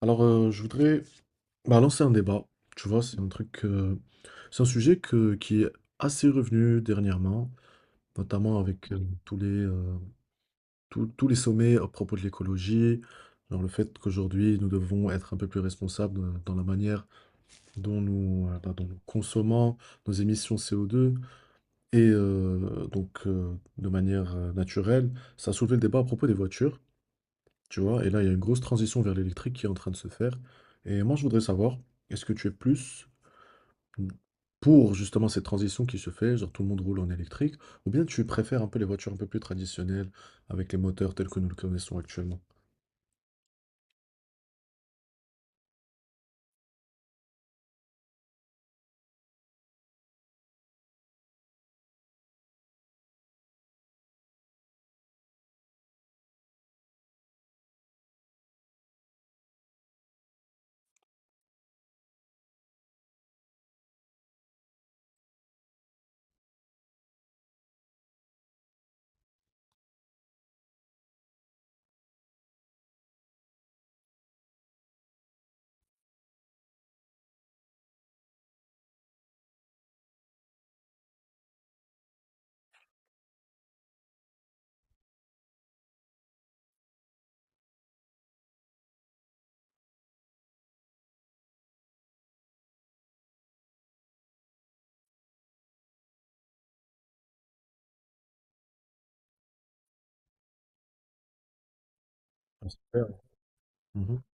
Alors, je voudrais bah, lancer un débat. Tu vois, c'est un sujet qui est assez revenu dernièrement, notamment avec tous les, tous tous les sommets à propos de l'écologie, genre le fait qu'aujourd'hui nous devons être un peu plus responsables dans la manière dont nous consommons nos émissions CO2 et donc de manière naturelle. Ça a soulevé le débat à propos des voitures. Tu vois, et là, il y a une grosse transition vers l'électrique qui est en train de se faire. Et moi, je voudrais savoir, est-ce que tu es plus pour justement cette transition qui se fait, genre tout le monde roule en électrique, ou bien tu préfères un peu les voitures un peu plus traditionnelles avec les moteurs tels que nous le connaissons actuellement? Ah, super. Mhm.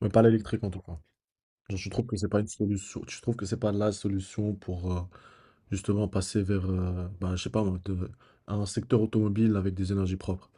Mais pas l'électrique en tout cas. Genre, je trouve que c'est pas une solution. Je trouve que c'est pas la solution pour justement passer vers, bah, je sais pas moi, un secteur automobile avec des énergies propres.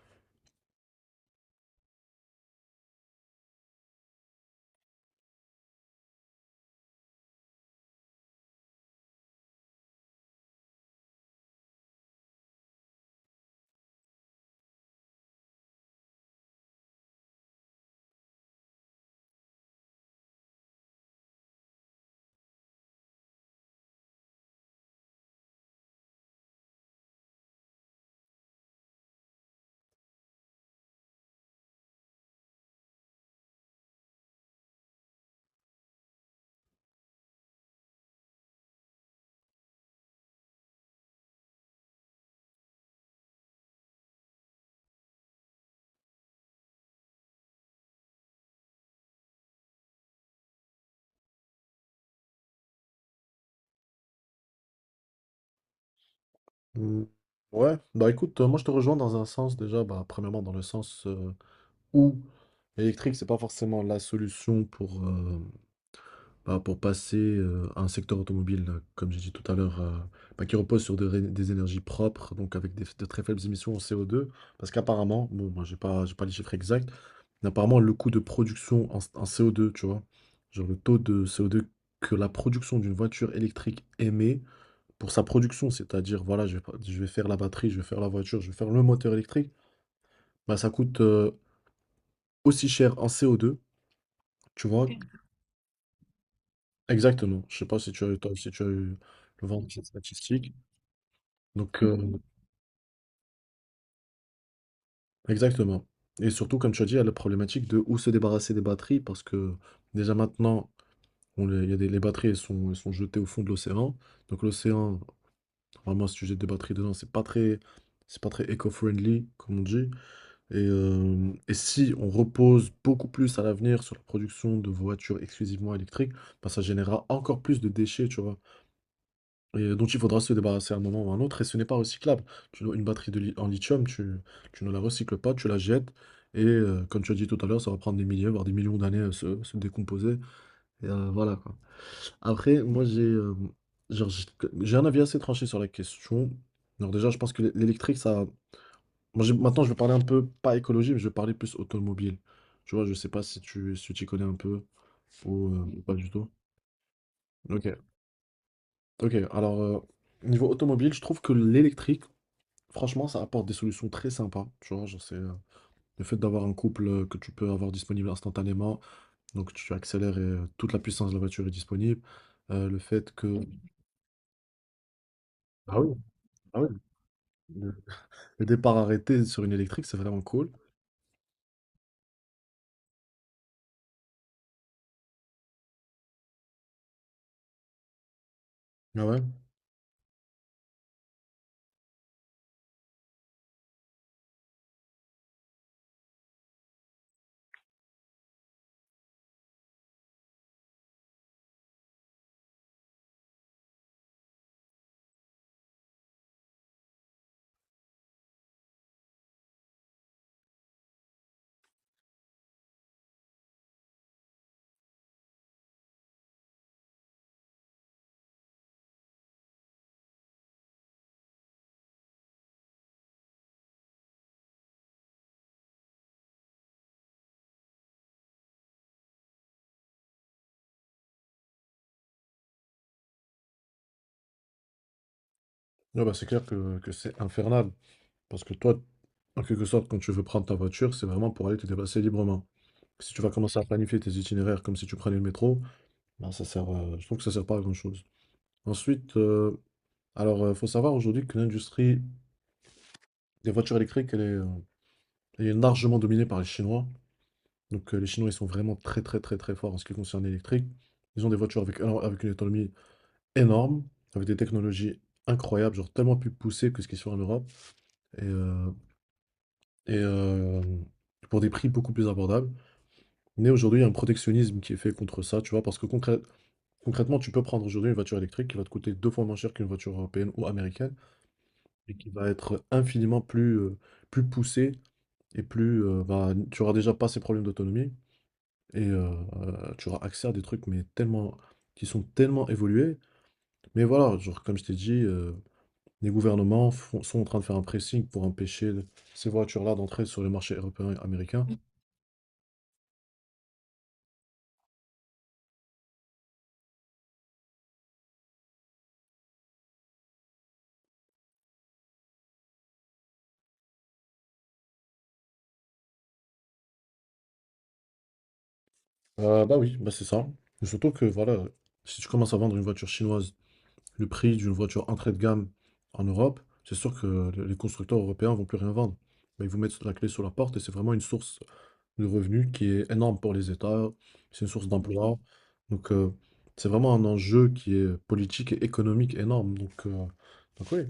Mm. Ouais, bah écoute, moi je te rejoins dans un sens déjà, bah, premièrement dans le sens où l'électrique, c'est pas forcément la solution pour, bah, pour passer à un secteur automobile, comme j'ai dit tout à l'heure, bah, qui repose sur des énergies propres, donc avec de très faibles émissions en CO2, parce qu'apparemment, bon, moi j'ai pas les chiffres exacts, mais apparemment le coût de production en CO2, tu vois, genre le taux de CO2 que la production d'une voiture électrique émet, pour sa production, c'est-à-dire voilà, je vais pas je vais faire la batterie, je vais faire la voiture, je vais faire le moteur électrique, bah, ça coûte, aussi cher en CO2, tu vois? OK. Exactement, je sais pas si tu as eu le vent de cette statistique, donc exactement et surtout comme tu as dit, il y a la problématique de où se débarrasser des batteries parce que déjà maintenant, on les il y a des les batteries, elles sont jetées au fond de l'océan, donc l'océan, normalement si tu jettes des batteries dedans, c'est pas très éco-friendly comme on dit. Et si on repose beaucoup plus à l'avenir sur la production de voitures exclusivement électriques, ben, ça générera encore plus de déchets, tu vois. Et dont il faudra se débarrasser à un moment ou à un autre, et ce n'est pas recyclable. Une batterie en lithium, tu ne la recycles pas, tu la jettes, et comme tu as dit tout à l'heure, ça va prendre des milliers, voire des millions d'années à se décomposer. Et voilà, quoi. Après, moi, j'ai genre, j'ai un avis assez tranché sur la question. Alors déjà, je pense que l'électrique, ça, moi, maintenant, je vais parler un peu, pas écologie, mais je vais parler plus automobile. Tu vois, je sais pas si tu y connais un peu ou pas du tout. Ok. Ok, alors, niveau automobile, je trouve que l'électrique, franchement, ça apporte des solutions très sympas. Tu vois, genre, c'est le fait d'avoir un couple que tu peux avoir disponible instantanément. Donc, tu accélères et toute la puissance de la voiture est disponible. Le fait que. Ah oui, ah oui. Le le départ arrêté sur une électrique, c'est vraiment cool. Ah ouais. Ouais, bah, c'est clair que c'est infernal. Parce que toi, en quelque sorte, quand tu veux prendre ta voiture, c'est vraiment pour aller te déplacer librement. Si tu vas commencer à planifier tes itinéraires comme si tu prenais le métro, ben ça sert, je trouve que ça sert pas à grand-chose. Ensuite, alors, il faut savoir aujourd'hui que l'industrie des voitures électriques, elle est largement dominée par les Chinois. Donc, les Chinois, ils sont vraiment très, très, très, très forts en ce qui concerne l'électrique. Ils ont des voitures alors, avec une autonomie énorme, avec des technologies incroyables, genre tellement plus poussées que ce qu'ils font en Europe. Et, euh, et pour des prix beaucoup plus abordables. Mais aujourd'hui, il y a un protectionnisme qui est fait contre ça, tu vois, parce que concrètement, tu peux prendre aujourd'hui une voiture électrique qui va te coûter deux fois moins cher qu'une voiture européenne ou américaine, et qui va être infiniment plus, plus poussée, et plus, bah, tu auras déjà pas ces problèmes d'autonomie, et tu auras accès à des trucs mais tellement, qui sont tellement évolués. Mais voilà, genre, comme je t'ai dit, les gouvernements sont en train de faire un pressing pour empêcher ces voitures-là d'entrer sur le marché européen et américain. Bah oui, bah c'est ça. Et surtout que voilà, si tu commences à vendre une voiture chinoise, le prix d'une voiture entrée de gamme en Europe, c'est sûr que les constructeurs européens vont plus rien vendre. Bah, ils vous mettent la clé sur la porte et c'est vraiment une source de revenus qui est énorme pour les États, c'est une source d'emploi. Donc c'est vraiment un enjeu qui est politique et économique énorme. Donc oui.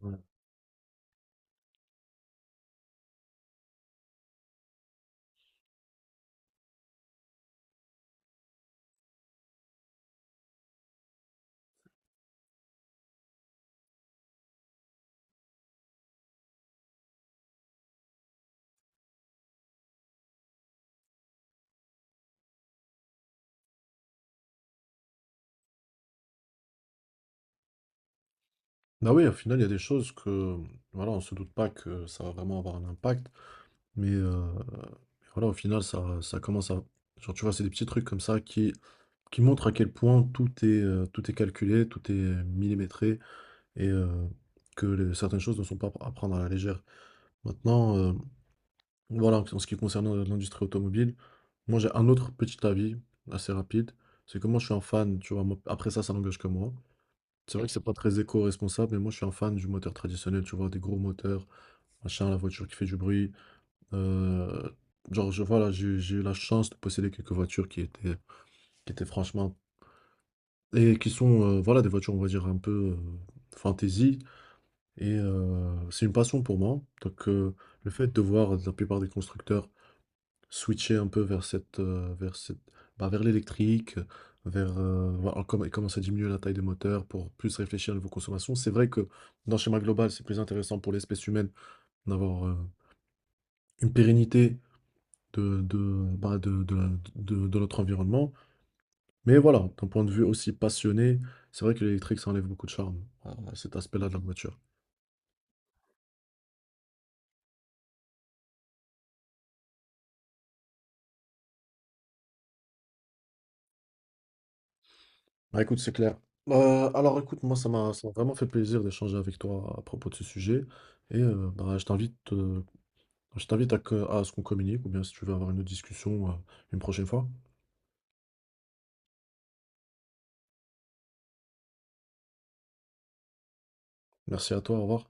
Ouais. Bah oui, au final, il y a des choses que voilà, on se doute pas que ça va vraiment avoir un impact. Mais, heu, mais voilà, au final, ça commence à genre, tu vois, c'est des petits trucs comme ça qui montrent à quel point tout est calculé, tout est millimétré et que les certaines choses ne sont pas à prendre à la légère. Maintenant, voilà, en ce qui concerne, l'industrie automobile, moi, j'ai un autre petit avis assez rapide. C'est que moi, je suis un fan, tu vois? Moi, après ça, ça n'engage que moi. C'est vrai que c'est pas très éco-responsable, mais moi, je suis un fan du moteur traditionnel, tu vois? Des gros moteurs, machin, la voiture qui fait du bruit, Heu, genre, je voilà, j'ai eu la chance de posséder quelques voitures qui étaient franchement et qui sont, voilà, des voitures, on va dire, un peu, fantaisie et c'est une passion pour moi. Donc le fait de voir la plupart des constructeurs switcher un peu vers cette bah, vers l'électrique, vers, voilà, comme commencer à diminuer la taille des moteurs pour plus réfléchir à niveau consommation. C'est vrai que, dans le schéma global, c'est plus intéressant pour l'espèce humaine d'avoir, une pérennité de, bah, de, la- de notre environnement. Mais voilà, d'un point de vue aussi passionné, c'est vrai que l'électrique, ça enlève beaucoup de charme à cet aspect-là de la voiture. Bah écoute, c'est clair. Alors écoute, moi, ça m'a vraiment fait plaisir d'échanger avec toi à propos de ce sujet. Et bah, je t'invite à ce qu'on communique, ou bien si tu veux avoir une autre discussion une prochaine fois. Merci à toi, au revoir.